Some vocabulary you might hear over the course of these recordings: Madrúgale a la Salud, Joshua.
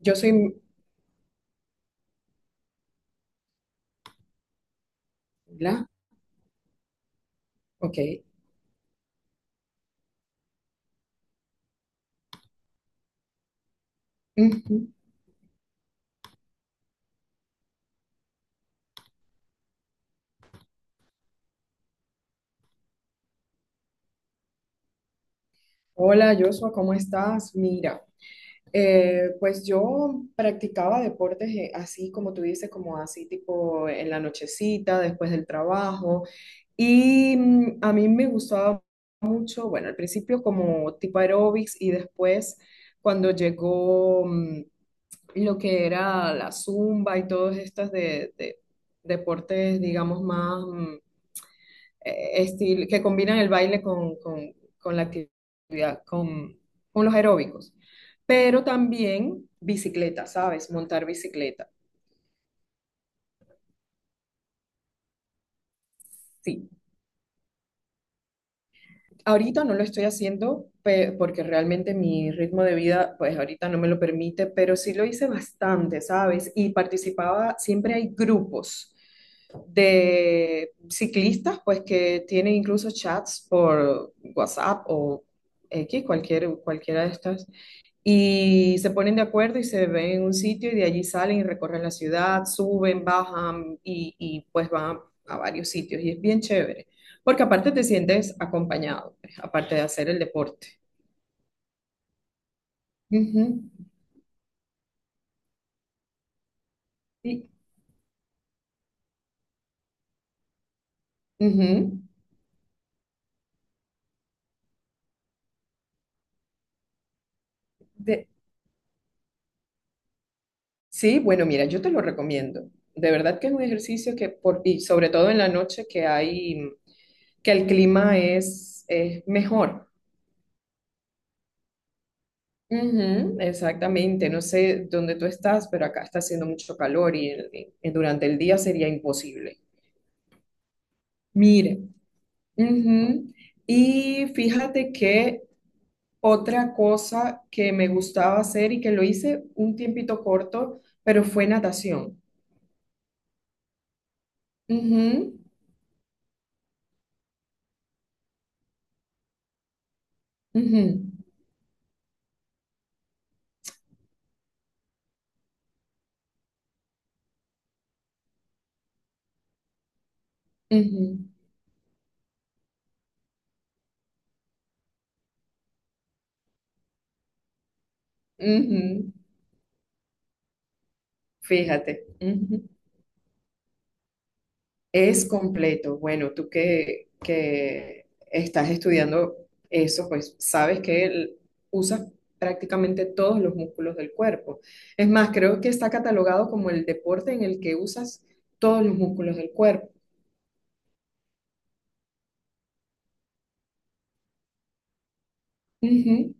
Yo soy, hola, ok. Ujú. Hola, Joshua, ¿cómo estás? Mira, pues yo practicaba deportes así como tú dices, como así tipo en la nochecita, después del trabajo. Y a mí me gustaba mucho, bueno, al principio como tipo aeróbics y después cuando llegó lo que era la zumba y todos estos de deportes, digamos, más que combinan el baile con la actividad, con los aeróbicos. Pero también bicicleta, ¿sabes? Montar bicicleta. Sí, ahorita no lo estoy haciendo porque realmente mi ritmo de vida, pues ahorita no me lo permite, pero sí lo hice bastante, ¿sabes? Y participaba, siempre hay grupos de ciclistas, pues que tienen incluso chats por WhatsApp o X, cualquiera de estas. Y se ponen de acuerdo y se ven en un sitio y de allí salen y recorren la ciudad, suben, bajan y pues van a varios sitios. Y es bien chévere, porque aparte te sientes acompañado, pues, aparte de hacer el deporte. Ujú. Y- ujú. De- sí, bueno, mira, yo te lo recomiendo. De verdad que es un ejercicio y sobre todo en la noche que el clima es mejor. Ujú, exactamente, no sé dónde tú estás, pero acá está haciendo mucho calor y durante el día sería imposible. Mire, ujú. Y fíjate que otra cosa que me gustaba hacer y que lo hice un tiempito corto, pero fue natación. Ujú, ujú, ujú, ujú. Fíjate. Es completo. Bueno, tú que estás estudiando eso, pues sabes que usas prácticamente todos los músculos del cuerpo. Es más, creo que está catalogado como el deporte en el que usas todos los músculos del cuerpo. Ujú.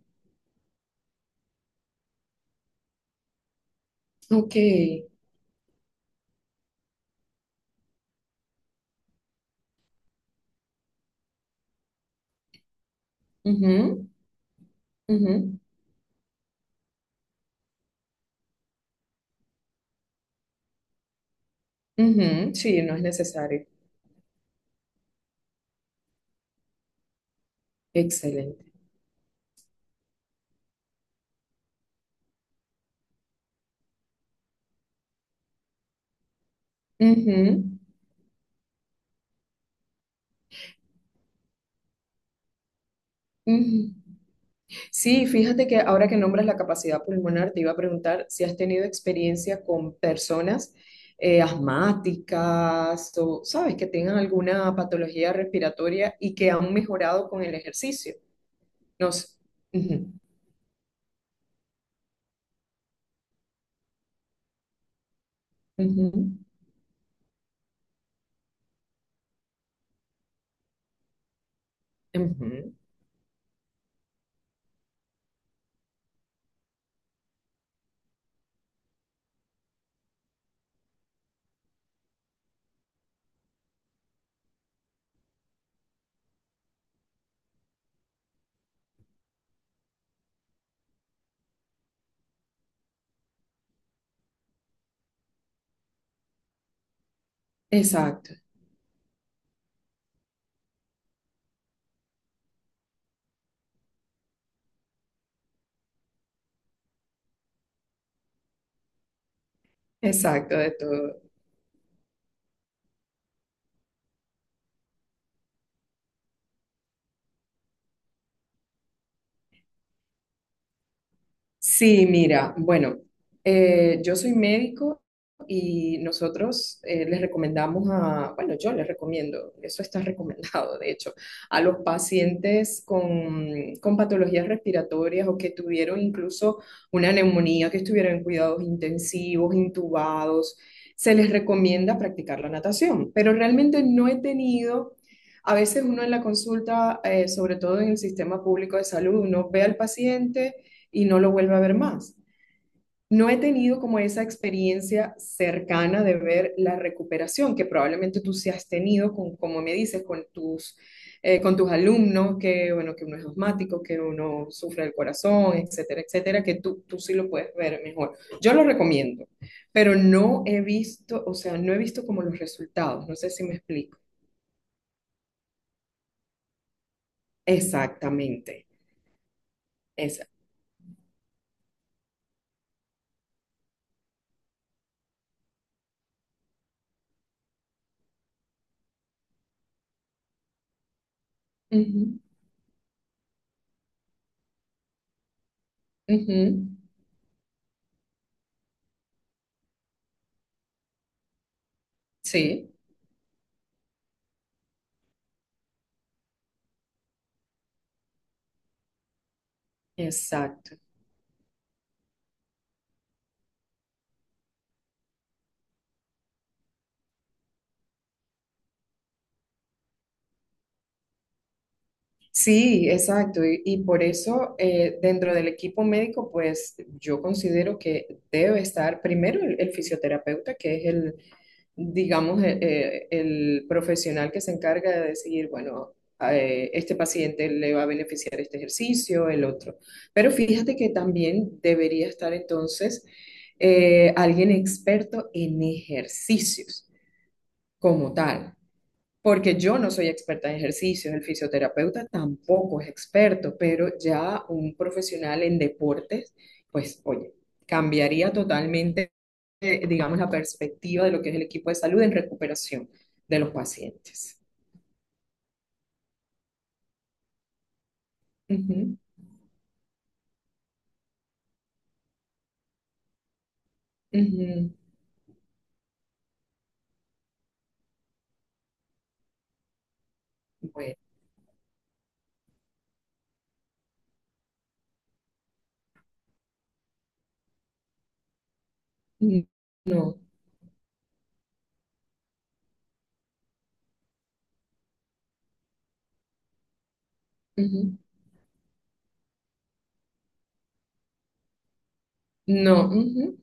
Ok. Ujú, ujú, ujú. Sí, no es necesario. Excelente. Ujú, ujú. Sí, fíjate que ahora que nombras la capacidad pulmonar, te iba a preguntar si has tenido experiencia con personas asmáticas o, sabes, que tengan alguna patología respiratoria y que han mejorado con el ejercicio. No sé. Ujú, ujú, ujú. Exacto, exacto, de todo. Sí, mira, bueno, yo soy médico y nosotros les recomendamos a, bueno, yo les recomiendo, eso está recomendado, de hecho, a los pacientes con patologías respiratorias o que tuvieron incluso una neumonía, que estuvieron en cuidados intensivos, intubados, se les recomienda practicar la natación, pero realmente no he tenido. A veces uno en la consulta, sobre todo en el sistema público de salud, uno ve al paciente, y no lo vuelve a ver más. No he tenido como esa experiencia cercana de ver la recuperación que probablemente tú sí has tenido, con, como me dices, con tus alumnos, que, bueno, que uno es asmático, que uno sufre del corazón, etcétera, etcétera, tú sí lo puedes ver mejor. Yo lo recomiendo, pero no he visto, o sea, no he visto como los resultados, no sé si me explico. Exactamente, esa. Ujú, ujú. Sí, exacto. Sí, exacto. Y por eso dentro del equipo médico, pues yo considero que debe estar primero el fisioterapeuta, que es el, digamos, el profesional que se encarga de decir, bueno, este paciente le va a beneficiar este ejercicio, el otro. Pero fíjate que también debería estar entonces alguien experto en ejercicios como tal, porque yo no soy experta en ejercicios, el fisioterapeuta tampoco es experto, pero ya un profesional en deportes, pues oye, cambiaría totalmente, digamos, la perspectiva de lo que es el equipo de salud en recuperación de los pacientes. Ujú, ujú. Bueno, n- no, ujú, no, ujú.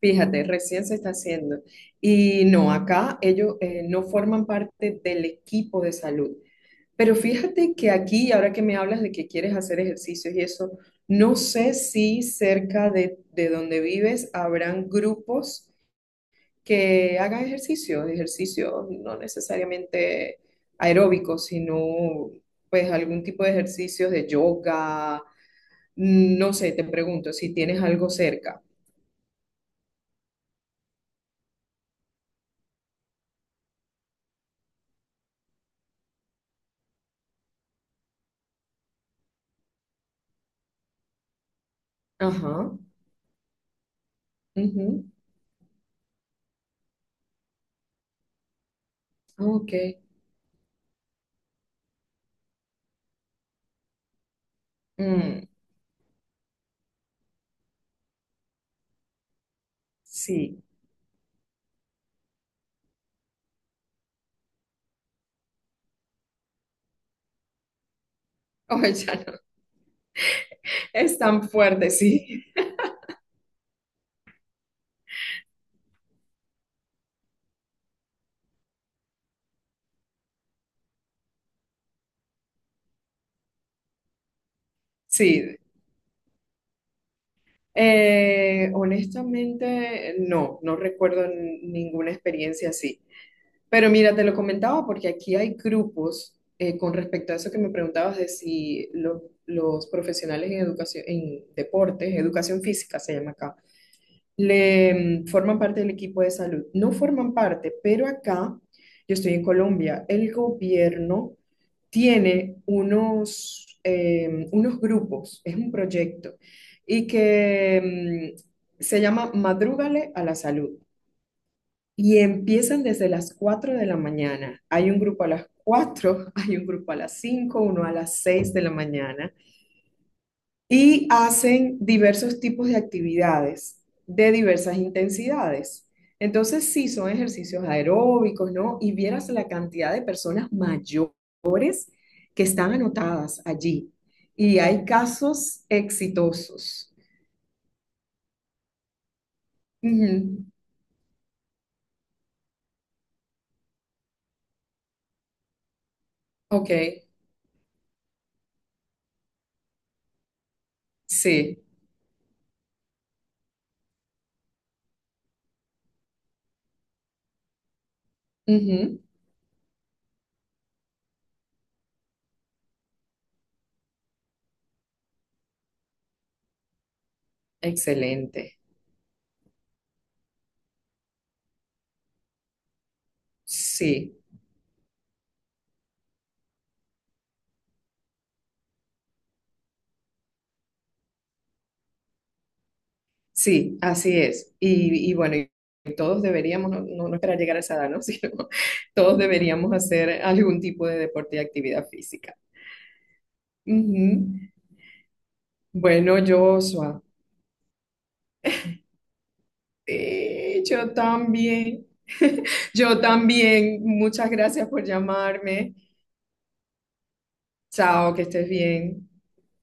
Fíjate, recién se está haciendo. Y no, acá ellos no forman parte del equipo de salud. Pero fíjate que aquí, ahora que me hablas de que quieres hacer ejercicios y eso, no sé si cerca de donde vives habrán grupos que hagan ejercicios, ejercicios no necesariamente aeróbicos, sino pues algún tipo de ejercicios de yoga, no sé, te pregunto si tienes algo cerca. Ajá. Ujú. Ok. mm, sí. Oh, ya no. Es tan fuerte, sí. Sí. Honestamente, no, recuerdo ninguna experiencia así. Pero mira, te lo comentaba porque aquí hay grupos con respecto a eso que me preguntabas de si los profesionales en educación, en deportes, educación física se llama acá. Le, forman parte del equipo de salud. No forman parte, pero acá, yo estoy en Colombia, el gobierno tiene unos, unos grupos, es un proyecto, y que se llama Madrúgale a la Salud. Y empiezan desde las 4 de la mañana. Hay un grupo a las 4, hay un grupo a las 5, uno a las 6 de la mañana, y hacen diversos tipos de actividades de diversas intensidades. Entonces, sí, son ejercicios aeróbicos, ¿no? Y vieras la cantidad de personas mayores que están anotadas allí. Y hay casos exitosos. Ujú. Ok, sí. Ujú. Excelente. Sí. Sí, así es. Y bueno, y todos deberíamos, no, no esperar llegar a esa edad, ¿no? Sino todos deberíamos hacer algún tipo de deporte y actividad física. Ujú. Bueno, Joshua, yo también, yo también. Muchas gracias por llamarme. Chao, que estés bien.